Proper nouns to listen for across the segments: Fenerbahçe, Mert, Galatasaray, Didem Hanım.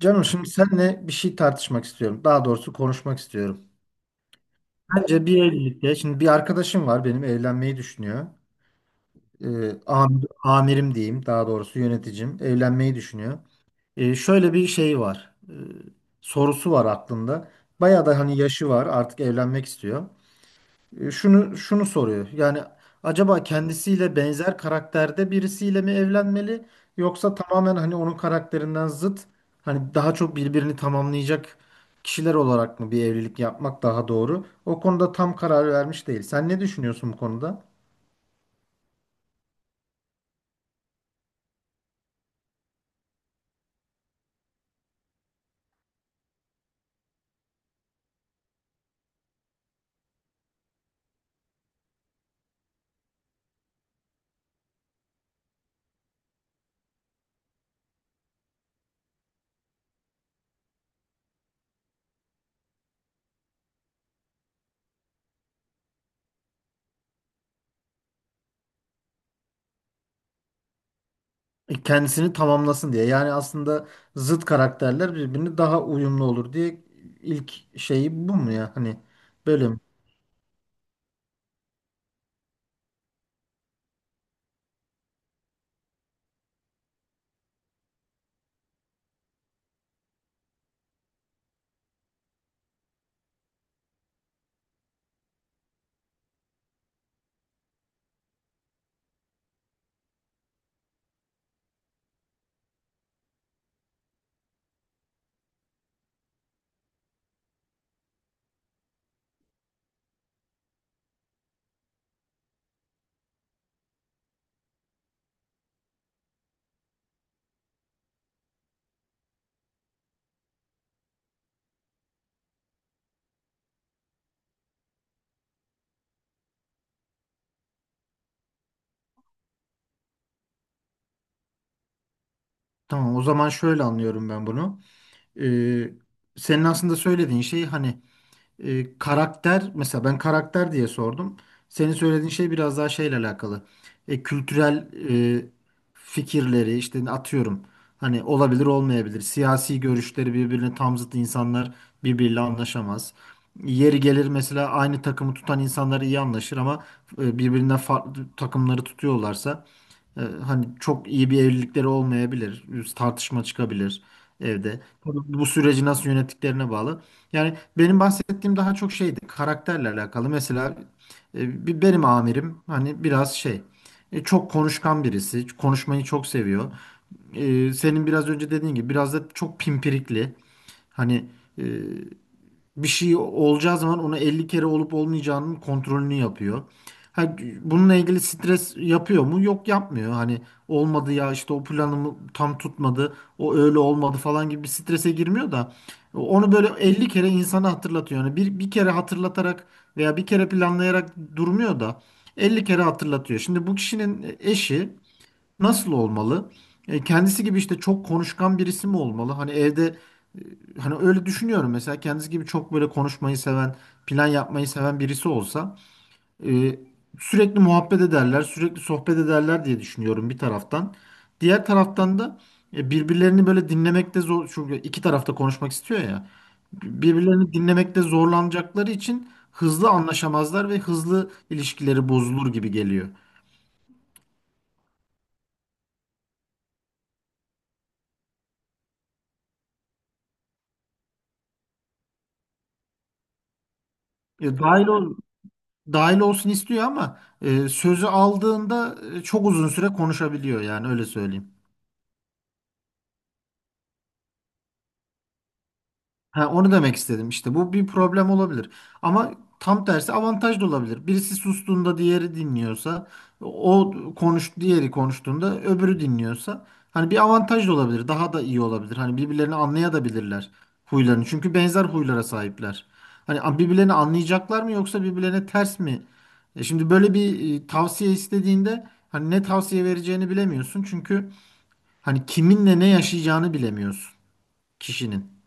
Canım şimdi seninle bir şey tartışmak istiyorum. Daha doğrusu konuşmak istiyorum. Bence bir evlilikte, şimdi bir arkadaşım var benim evlenmeyi düşünüyor. Ee, Amirim diyeyim daha doğrusu yöneticim evlenmeyi düşünüyor. Şöyle bir şey var. Sorusu var aklında. Bayağı da hani yaşı var artık evlenmek istiyor. Şunu şunu soruyor. Yani acaba kendisiyle benzer karakterde birisiyle mi evlenmeli yoksa tamamen hani onun karakterinden zıt hani daha çok birbirini tamamlayacak kişiler olarak mı bir evlilik yapmak daha doğru? O konuda tam karar vermiş değil. Sen ne düşünüyorsun bu konuda? Kendisini tamamlasın diye. Yani aslında zıt karakterler birbirine daha uyumlu olur diye ilk şeyi bu mu ya? Hani böyle mi? Tamam o zaman şöyle anlıyorum ben bunu. Ee, Senin aslında söylediğin şey hani karakter, mesela ben karakter diye sordum. Senin söylediğin şey biraz daha şeyle alakalı. Kültürel e, fikirleri işte, atıyorum. Hani olabilir, olmayabilir. Siyasi görüşleri birbirine tam zıt insanlar birbiriyle anlaşamaz. Yeri gelir mesela aynı takımı tutan insanlar iyi anlaşır ama birbirinden farklı takımları tutuyorlarsa hani çok iyi bir evlilikleri olmayabilir. Tartışma çıkabilir evde. Tabii bu süreci nasıl yönettiklerine bağlı. Yani benim bahsettiğim daha çok şeydi, karakterle alakalı. Mesela benim amirim hani biraz şey, çok konuşkan birisi. Konuşmayı çok seviyor. Senin biraz önce dediğin gibi biraz da çok pimpirikli. Hani e, bir şey olacağı zaman ona 50 kere olup olmayacağının kontrolünü yapıyor. Ha, bununla ilgili stres yapıyor mu? Yok, yapmıyor. Hani olmadı ya, işte o planımı tam tutmadı, o öyle olmadı falan gibi bir strese girmiyor da onu böyle 50 kere insana hatırlatıyor. Yani bir kere hatırlatarak veya bir kere planlayarak durmuyor da 50 kere hatırlatıyor. Şimdi bu kişinin eşi nasıl olmalı? Kendisi gibi işte çok konuşkan birisi mi olmalı? Hani evde, e, hani öyle düşünüyorum mesela kendisi gibi çok böyle konuşmayı seven, plan yapmayı seven birisi olsa e, sürekli muhabbet ederler, sürekli sohbet ederler diye düşünüyorum bir taraftan. Diğer taraftan da birbirlerini böyle dinlemekte zor, çünkü iki tarafta konuşmak istiyor ya. Birbirlerini dinlemekte zorlanacakları için hızlı anlaşamazlar ve hızlı ilişkileri bozulur gibi geliyor. E, dahil ol, Dahil olsun istiyor ama sözü aldığında çok uzun süre konuşabiliyor, yani öyle söyleyeyim. Ha, onu demek istedim işte. Bu bir problem olabilir. Ama tam tersi avantaj da olabilir. Birisi sustuğunda diğeri dinliyorsa, o konuş diğeri konuştuğunda öbürü dinliyorsa hani bir avantaj da olabilir. Daha da iyi olabilir. Hani birbirlerini anlayabilirler, huylarını. Çünkü benzer huylara sahipler. Hani birbirlerini anlayacaklar mı yoksa birbirlerine ters mi? Şimdi böyle bir tavsiye istediğinde hani ne tavsiye vereceğini bilemiyorsun. Çünkü hani kiminle ne yaşayacağını bilemiyorsun kişinin.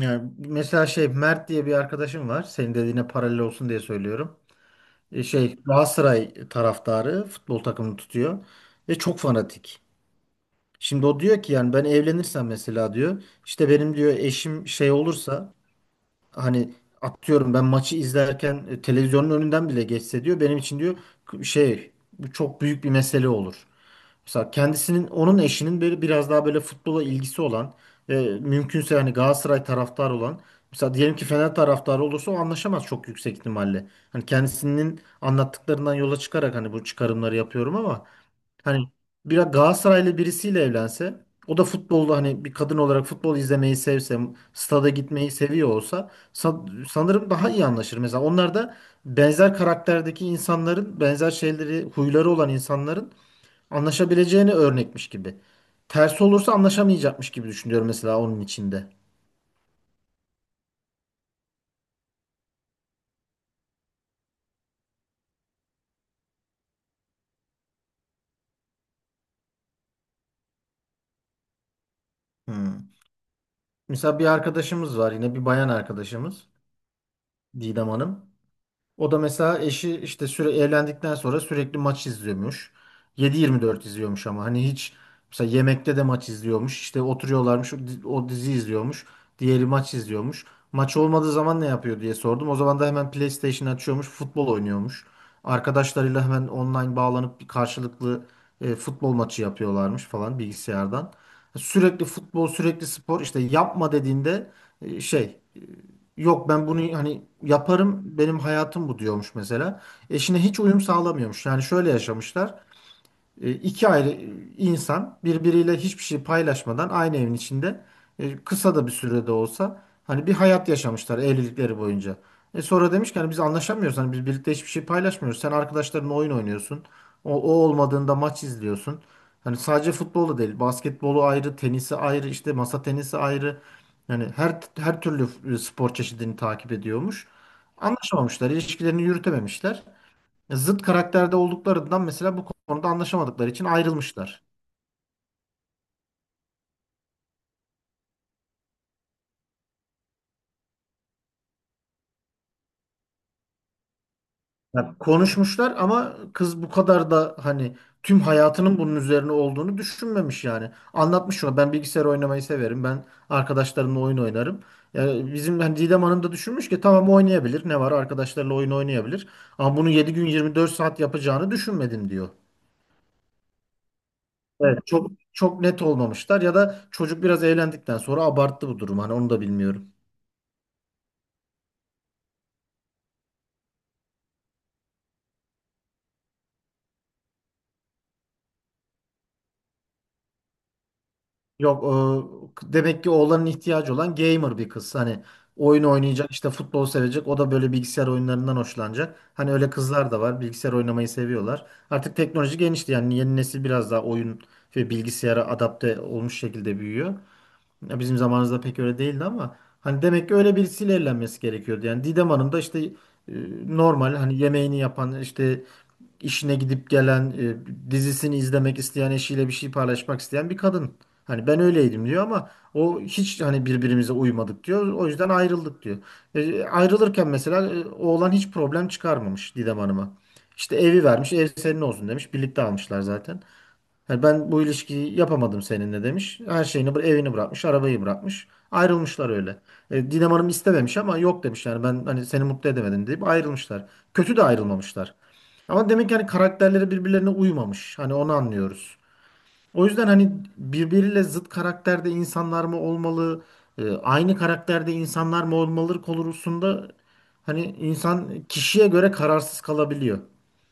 Yani mesela Mert diye bir arkadaşım var. Senin dediğine paralel olsun diye söylüyorum. Galatasaray taraftarı, futbol takımını tutuyor ve çok fanatik. Şimdi o diyor ki, yani ben evlenirsem mesela diyor, işte benim diyor eşim şey olursa, hani atıyorum ben maçı izlerken televizyonun önünden bile geçse diyor, benim için diyor k- şey bu çok büyük bir mesele olur. Mesela kendisinin, onun eşinin, böyle biraz daha böyle futbola ilgisi olan ve mümkünse hani Galatasaray taraftarı olan, mesela diyelim ki Fener taraftarı olursa o anlaşamaz çok yüksek ihtimalle. Hani kendisinin anlattıklarından yola çıkarak hani bu çıkarımları yapıyorum ama hani biraz Galatasaraylı birisiyle evlense, o da futbolda hani bir kadın olarak futbol izlemeyi sevse, stada gitmeyi seviyor olsa sanırım daha iyi anlaşır. Mesela onlar da benzer karakterdeki insanların, benzer şeyleri, huyları olan insanların anlaşabileceğini örnekmiş gibi. Tersi olursa anlaşamayacakmış gibi düşünüyorum mesela onun içinde. Hmm. Mesela bir arkadaşımız var, yine bir bayan arkadaşımız, Didem Hanım. O da mesela eşi işte, süre evlendikten sonra sürekli maç izliyormuş. 7-24 izliyormuş ama hani hiç, mesela yemekte de maç izliyormuş. İşte oturuyorlarmış, o dizi izliyormuş. Diğeri maç izliyormuş. Maç olmadığı zaman ne yapıyor diye sordum. O zaman da hemen PlayStation açıyormuş, futbol oynuyormuş. Arkadaşlarıyla hemen online bağlanıp bir karşılıklı futbol maçı yapıyorlarmış falan bilgisayardan. Sürekli futbol, sürekli spor. İşte yapma dediğinde e, şey yok, ben bunu hani yaparım, benim hayatım bu diyormuş mesela. Eşine hiç uyum sağlamıyormuş. Yani şöyle yaşamışlar. İki ayrı insan birbiriyle hiçbir şey paylaşmadan aynı evin içinde, kısa da bir sürede olsa, hani bir hayat yaşamışlar evlilikleri boyunca. Sonra demiş ki hani biz anlaşamıyoruz, hani biz birlikte hiçbir şey paylaşmıyoruz. Sen arkadaşlarınla oyun oynuyorsun. O, o olmadığında maç izliyorsun. Hani sadece futbolu değil, basketbolu ayrı, tenisi ayrı, işte masa tenisi ayrı. Yani her türlü spor çeşidini takip ediyormuş. Anlaşamamışlar, ilişkilerini yürütememişler, zıt karakterde olduklarından, mesela bu konuda anlaşamadıkları için ayrılmışlar. Ya konuşmuşlar ama kız bu kadar da hani tüm hayatının bunun üzerine olduğunu düşünmemiş yani. Anlatmış şuna, ben bilgisayar oynamayı severim, ben arkadaşlarımla oyun oynarım. Ya bizim hani Didem Hanım da düşünmüş ki tamam, oynayabilir, ne var, arkadaşlarıyla oyun oynayabilir. Ama bunu 7 gün 24 saat yapacağını düşünmedim diyor. Evet, çok çok net olmamışlar ya da çocuk biraz eğlendikten sonra abarttı bu durum. Hani onu da bilmiyorum. Yok, demek ki oğlanın ihtiyacı olan gamer bir kız. Hani oyun oynayacak, işte futbol sevecek, o da böyle bilgisayar oyunlarından hoşlanacak. Hani öyle kızlar da var, bilgisayar oynamayı seviyorlar. Artık teknoloji genişti, yani yeni nesil biraz daha oyun ve bilgisayara adapte olmuş şekilde büyüyor. Ya bizim zamanımızda pek öyle değildi ama hani demek ki öyle birisiyle evlenmesi gerekiyordu. Yani Didem Hanım da işte e, normal, hani yemeğini yapan, işte işine gidip gelen, dizisini izlemek isteyen, eşiyle bir şey paylaşmak isteyen bir kadın. Hani ben öyleydim diyor, ama o hiç hani birbirimize uymadık diyor. O yüzden ayrıldık diyor. Ayrılırken mesela oğlan hiç problem çıkarmamış Didem Hanım'a. İşte evi vermiş, ev senin olsun demiş. Birlikte almışlar zaten. Yani ben bu ilişkiyi yapamadım seninle demiş. Her şeyini, evini bırakmış, arabayı bırakmış. Ayrılmışlar öyle. Didem Hanım istememiş ama yok demiş, yani ben hani seni mutlu edemedim deyip ayrılmışlar. Kötü de ayrılmamışlar. Ama demek ki hani karakterleri birbirlerine uymamış. Hani onu anlıyoruz. O yüzden hani birbiriyle zıt karakterde insanlar mı olmalı, aynı karakterde insanlar mı olmalı konusunda hani insan kişiye göre kararsız kalabiliyor.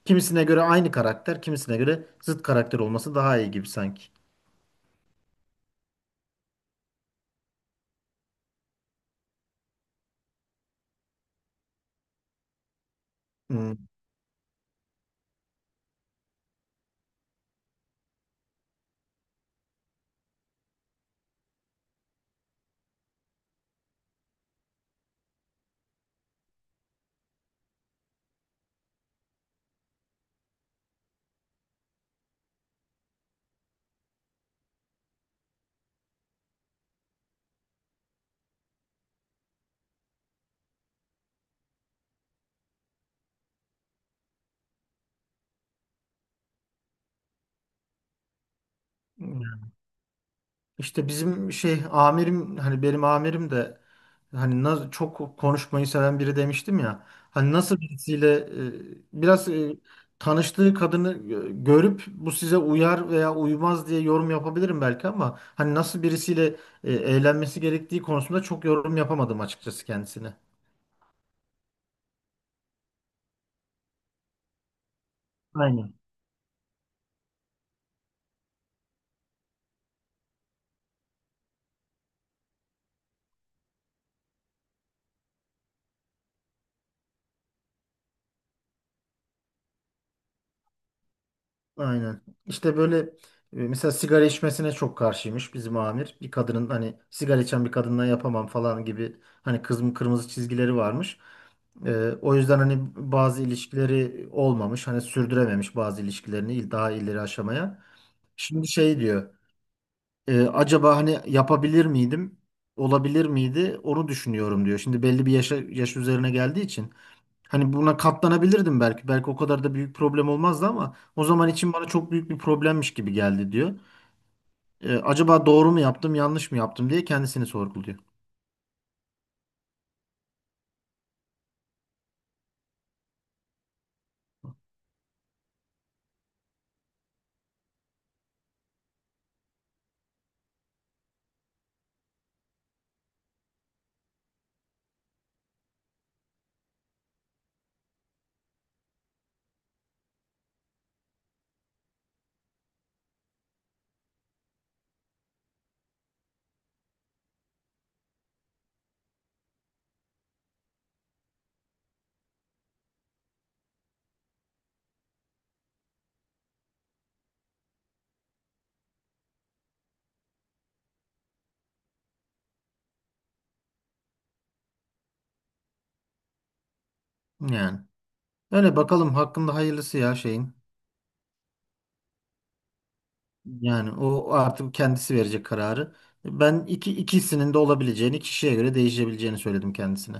Kimisine göre aynı karakter, kimisine göre zıt karakter olması daha iyi gibi sanki. Hmm. İşte bizim şey amirim, hani benim amirim de hani çok konuşmayı seven biri demiştim ya. Hani nasıl birisiyle tanıştığı kadını görüp bu size uyar veya uymaz diye yorum yapabilirim belki, ama hani nasıl birisiyle eğlenmesi gerektiği konusunda çok yorum yapamadım açıkçası kendisine. Aynen. Aynen. İşte böyle mesela sigara içmesine çok karşıymış bizim amir. Bir kadının hani sigara içen bir kadınla yapamam falan gibi hani, kızım, kırmızı çizgileri varmış. O yüzden hani bazı ilişkileri olmamış. Hani sürdürememiş bazı ilişkilerini, daha ileri aşamaya. Şimdi şey diyor, acaba hani yapabilir miydim? Olabilir miydi? Onu düşünüyorum diyor. Şimdi belli bir yaşa, yaş üzerine geldiği için. Hani buna katlanabilirdim belki. Belki o kadar da büyük problem olmazdı ama o zaman için bana çok büyük bir problemmiş gibi geldi diyor. Acaba doğru mu yaptım, yanlış mı yaptım diye kendisini sorguluyor. Yani öyle, bakalım hakkında hayırlısı ya şeyin. Yani o artık kendisi verecek kararı. Ben ikisinin de olabileceğini, kişiye göre değişebileceğini söyledim kendisine.